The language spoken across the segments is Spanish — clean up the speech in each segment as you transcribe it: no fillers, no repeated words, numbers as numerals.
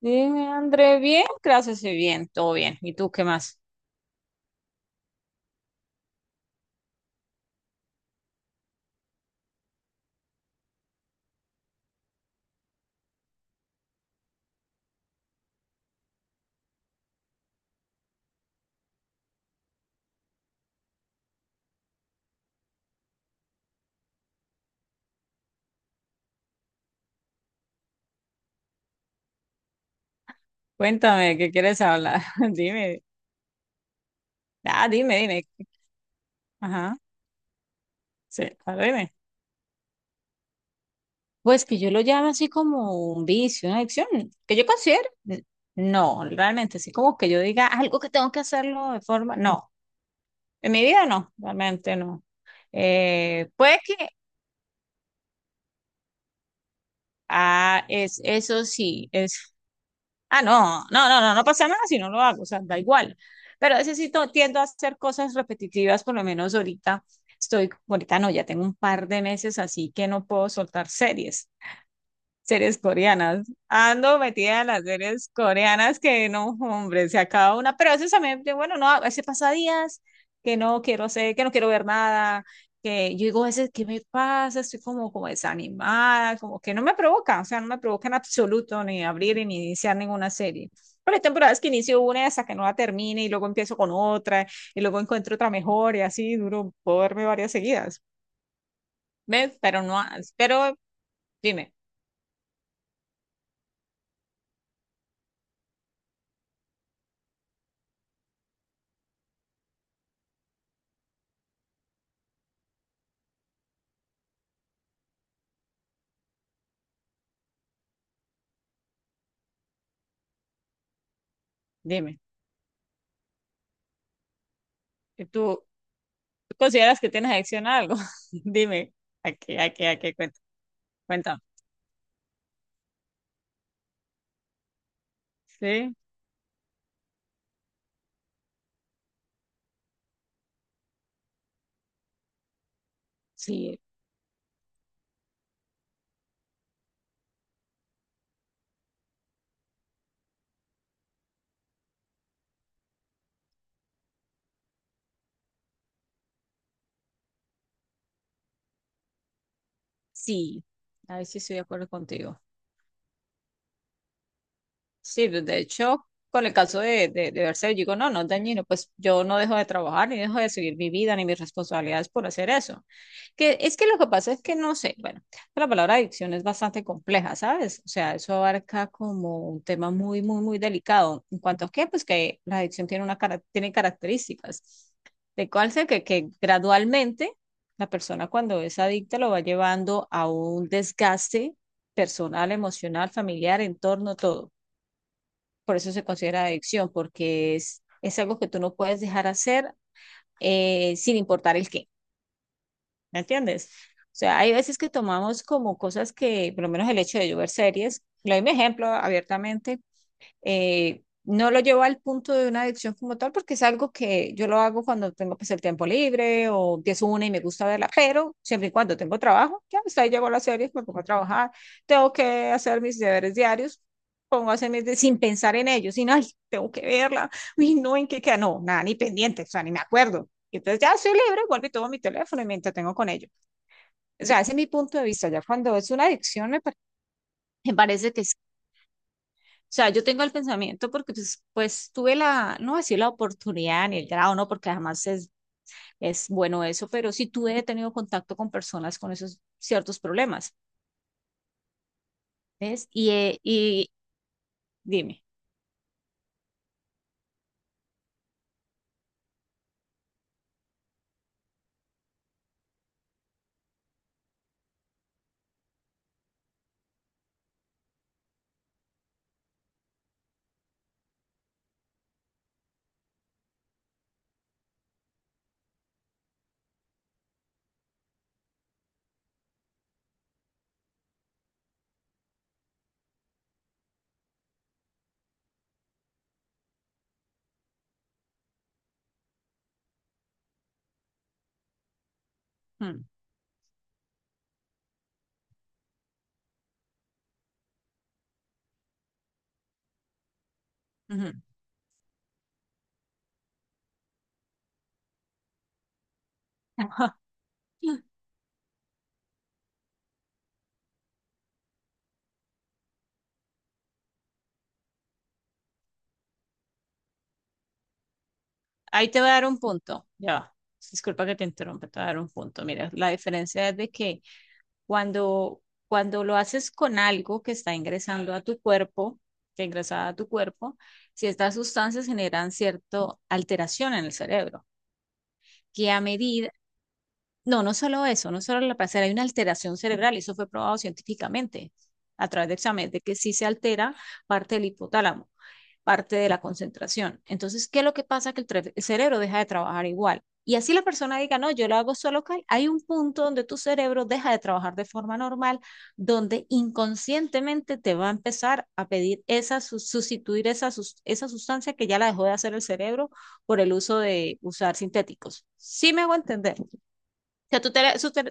Dime, André, bien, gracias, y bien, todo bien. ¿Y tú qué más? Cuéntame, ¿qué quieres hablar? Dime. Ah, dime, dime. Ajá, sí, ahora dime. Pues que yo lo llamo así como un vicio, una adicción, que yo considero. No, realmente, así como que yo diga algo que tengo que hacerlo de forma. No, en mi vida no, realmente no. Puede que, ah, es, eso sí, es. Ah, no, no, no, no, no pasa nada si no lo hago, o sea, da igual. Pero a veces sí tiendo a hacer cosas repetitivas, por lo menos ahorita estoy, ahorita no, ya tengo un par de meses así que no puedo soltar series. Series coreanas. Ando metida en las series coreanas que no, hombre, se acaba una. Pero a veces también, bueno, no, a veces pasa días que no quiero ser, que no quiero ver nada, que yo digo a veces, ¿qué me pasa? Estoy como, como desanimada, como que no me provoca, o sea, no me provoca en absoluto ni abrir ni iniciar ninguna serie. Pero hay temporadas que inicio una hasta que no la termine y luego empiezo con otra y luego encuentro otra mejor y así duro, puedo verme varias seguidas. ¿Ves? Pero no, pero dime, dime. ¿Tú ¿Tú consideras que tienes adicción a algo? Dime, ¿a qué, a qué, a qué? Cuéntame. Sí, sí, sí. A ver si estoy de acuerdo contigo. Sí, pues, de hecho, con el caso de verse, digo, no, no es dañino, pues yo no dejo de trabajar, ni dejo de seguir mi vida, ni mis responsabilidades por hacer eso. Que es que lo que pasa es que no sé, bueno, la palabra adicción es bastante compleja, ¿sabes? O sea, eso abarca como un tema muy, muy, muy delicado. En cuanto a qué, pues que la adicción tiene una tiene características. De cual sea que gradualmente la persona cuando es adicta lo va llevando a un desgaste personal, emocional, familiar, entorno, todo por eso se considera adicción, porque es algo que tú no puedes dejar hacer, sin importar el qué, ¿me entiendes? O sea, hay veces que tomamos como cosas que, por lo menos el hecho de yo ver series, le doy mi ejemplo abiertamente. No lo llevo al punto de una adicción como tal, porque es algo que yo lo hago cuando tengo pues, el tiempo libre o empiezo una y me gusta verla, pero siempre y cuando tengo trabajo, ya hasta ahí llego a las series, me pongo a trabajar, tengo que hacer mis deberes diarios, pongo a hacer mis sin pensar en ellos, sin, ay, tengo que verla, uy, no, en qué queda, no, nada, ni pendiente, o sea, ni me acuerdo. Y entonces ya soy libre, vuelvo y tomo mi teléfono y me entretengo con ello. O sea, ese es mi punto de vista. Ya cuando es una adicción, me parece que es, o sea, yo tengo el pensamiento porque pues tuve la, no voy a decir la oportunidad ni el grado, no, porque además es bueno eso, pero sí tuve, he tenido contacto con personas con esos ciertos problemas. ¿Ves? Y dime. Mm, ujú. Ahí te voy a dar un punto, ya, va. Disculpa que te interrumpa, te voy a dar un punto. Mira, la diferencia es de que, Cuando, cuando lo haces con algo que está ingresando a tu cuerpo, que ingresa a tu cuerpo, ciertas sustancias generan cierta alteración en el cerebro, que a medida, no, no solo eso, no solo la placer, hay una alteración cerebral, y eso fue probado científicamente a través de exámenes, de que sí se altera parte del hipotálamo, parte de la concentración. Entonces, ¿qué es lo que pasa? Que el cerebro deja de trabajar igual. Y así la persona diga, no, yo lo hago solo cal. Hay un punto donde tu cerebro deja de trabajar de forma normal, donde inconscientemente te va a empezar a pedir esa, sustituir esa, esa sustancia que ya la dejó de hacer el cerebro por el uso de usar sintéticos. Sí me hago entender. O sea, tu,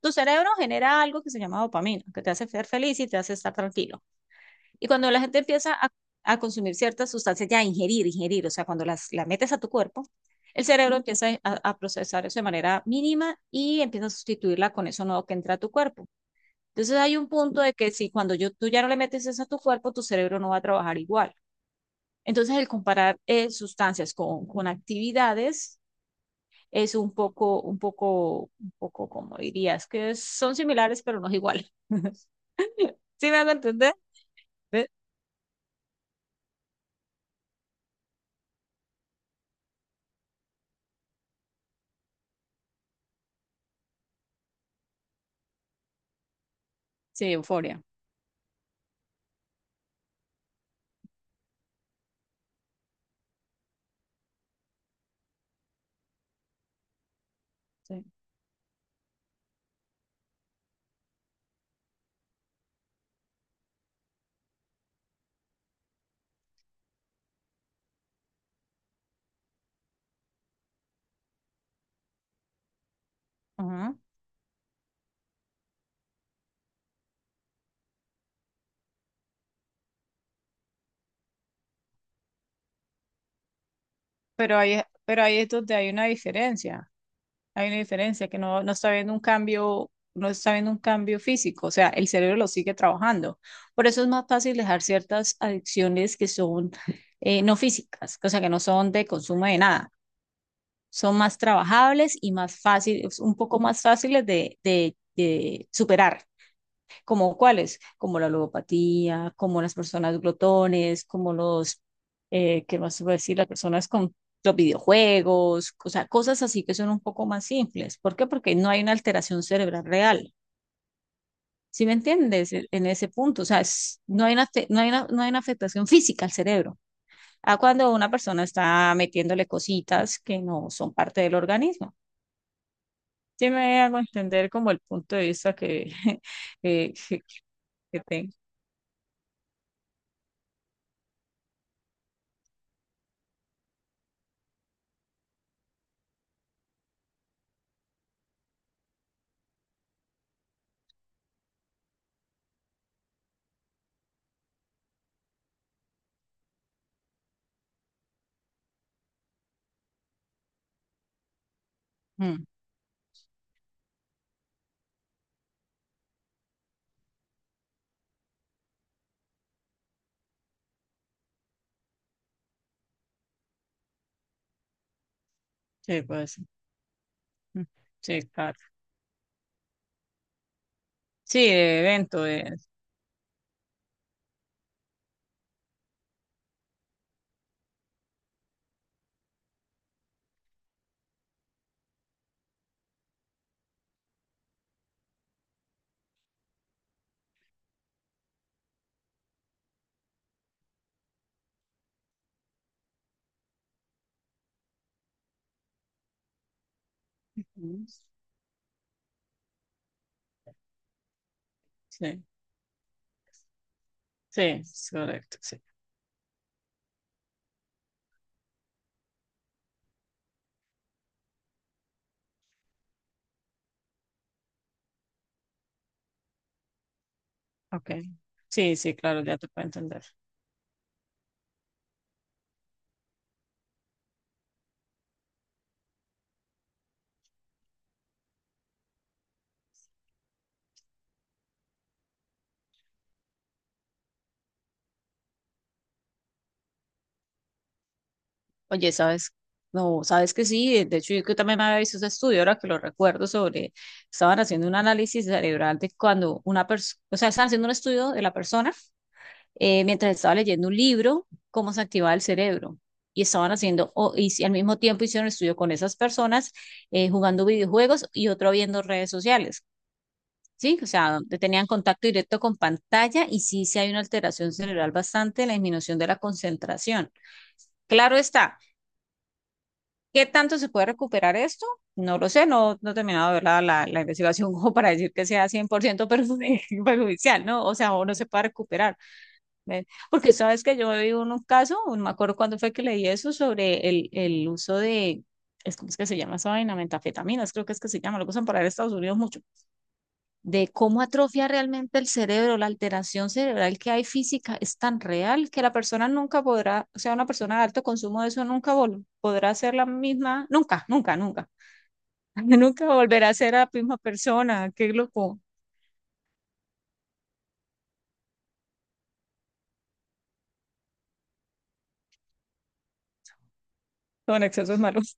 tu cerebro genera algo que se llama dopamina, que te hace ser feliz y te hace estar tranquilo. Y cuando la gente empieza a consumir ciertas sustancias, ya ingerir, ingerir, o sea, cuando las metes a tu cuerpo, el cerebro empieza a procesar eso de manera mínima y empieza a sustituirla con eso nuevo que entra a tu cuerpo. Entonces hay un punto de que si cuando yo, tú ya no le metes eso a tu cuerpo, tu cerebro no va a trabajar igual. Entonces el comparar sustancias con actividades es un poco, un poco, un poco, como dirías, que son similares pero no es igual. ¿Sí me hago entender? Sí, euforia. Sí. Uh -huh. Pero ahí, pero ahí es donde hay una diferencia que no, no está viendo un cambio, no está viendo un cambio físico, o sea, el cerebro lo sigue trabajando. Por eso es más fácil dejar ciertas adicciones que son, no físicas, o sea, que no son de consumo de nada, son más trabajables y más fáciles, un poco más fáciles de superar, como cuáles, como la logopatía, como las personas glotones, como los, ¿qué más iba a decir? Las personas con los videojuegos, o sea, cosas así que son un poco más simples. ¿Por qué? Porque no hay una alteración cerebral real. ¿Sí me entiendes? En ese punto, o sea, no hay una, no hay una, no hay una afectación física al cerebro. A cuando una persona está metiéndole cositas que no son parte del organismo. Sí me hago entender como el punto de vista que, que, que, que tengo. Mm, sí, puede ser. Mm, sí, claro. Sí, de evento. Mm, sí, sí, es correcto, sí. Ok. Sí, sí, claro, ya te puedo entender. Oye, ¿sabes? No, ¿sabes que sí? De hecho, yo que también había visto ese estudio, ahora que lo recuerdo, sobre, estaban haciendo un análisis cerebral de cuando una persona, o sea, estaban haciendo un estudio de la persona, mientras estaba leyendo un libro, cómo se activaba el cerebro. Y estaban haciendo, y al mismo tiempo hicieron un estudio con esas personas, jugando videojuegos y otro viendo redes sociales. Sí, o sea, donde tenían contacto directo con pantalla y sí, sí hay una alteración cerebral bastante en la disminución de la concentración. Claro está, ¿qué tanto se puede recuperar esto? No lo sé, no, no he terminado de ver la investigación como para decir que sea 100% perjudicial, ¿no? O sea, o no se puede recuperar. ¿Ven? Porque sabes que yo vi un caso, no me acuerdo cuándo fue que leí eso, sobre el uso de, es, ¿cómo es que se llama esa vaina? Metanfetaminas, creo que es que se llama, lo que usan para ir a Estados Unidos mucho. De cómo atrofia realmente el cerebro, la alteración cerebral que hay física es tan real que la persona nunca podrá, o sea, una persona de alto consumo de eso nunca podrá ser la misma, nunca, nunca, nunca, nunca volverá a ser la misma persona, qué loco, con excesos malos.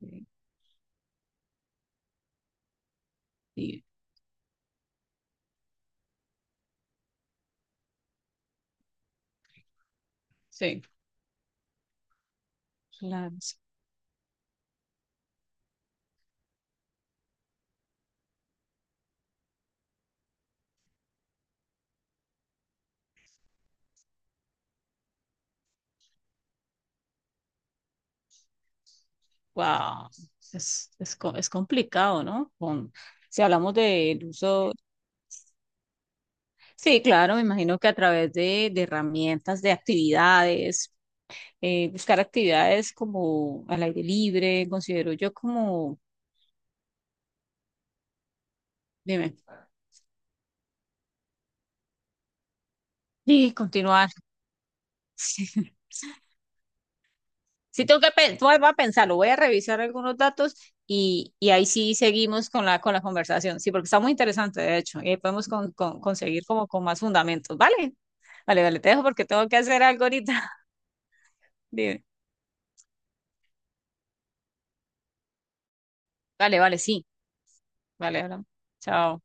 Sí, sí, sí. Claro, sí. Wow, es complicado, ¿no? Si hablamos del uso, sí, claro, me imagino que a través de herramientas, de actividades, buscar actividades como al aire libre, considero yo como, dime, sí continuar. Sí, Sí, tengo que, voy a pensarlo, voy a revisar algunos datos y ahí sí seguimos con la conversación, sí, porque está muy interesante, de hecho, y ahí podemos conseguir como con más fundamentos, ¿vale? Vale, vale, te dejo porque tengo que hacer algo ahorita. Dime. Vale, vale, sí, vale, hablamos. Chao.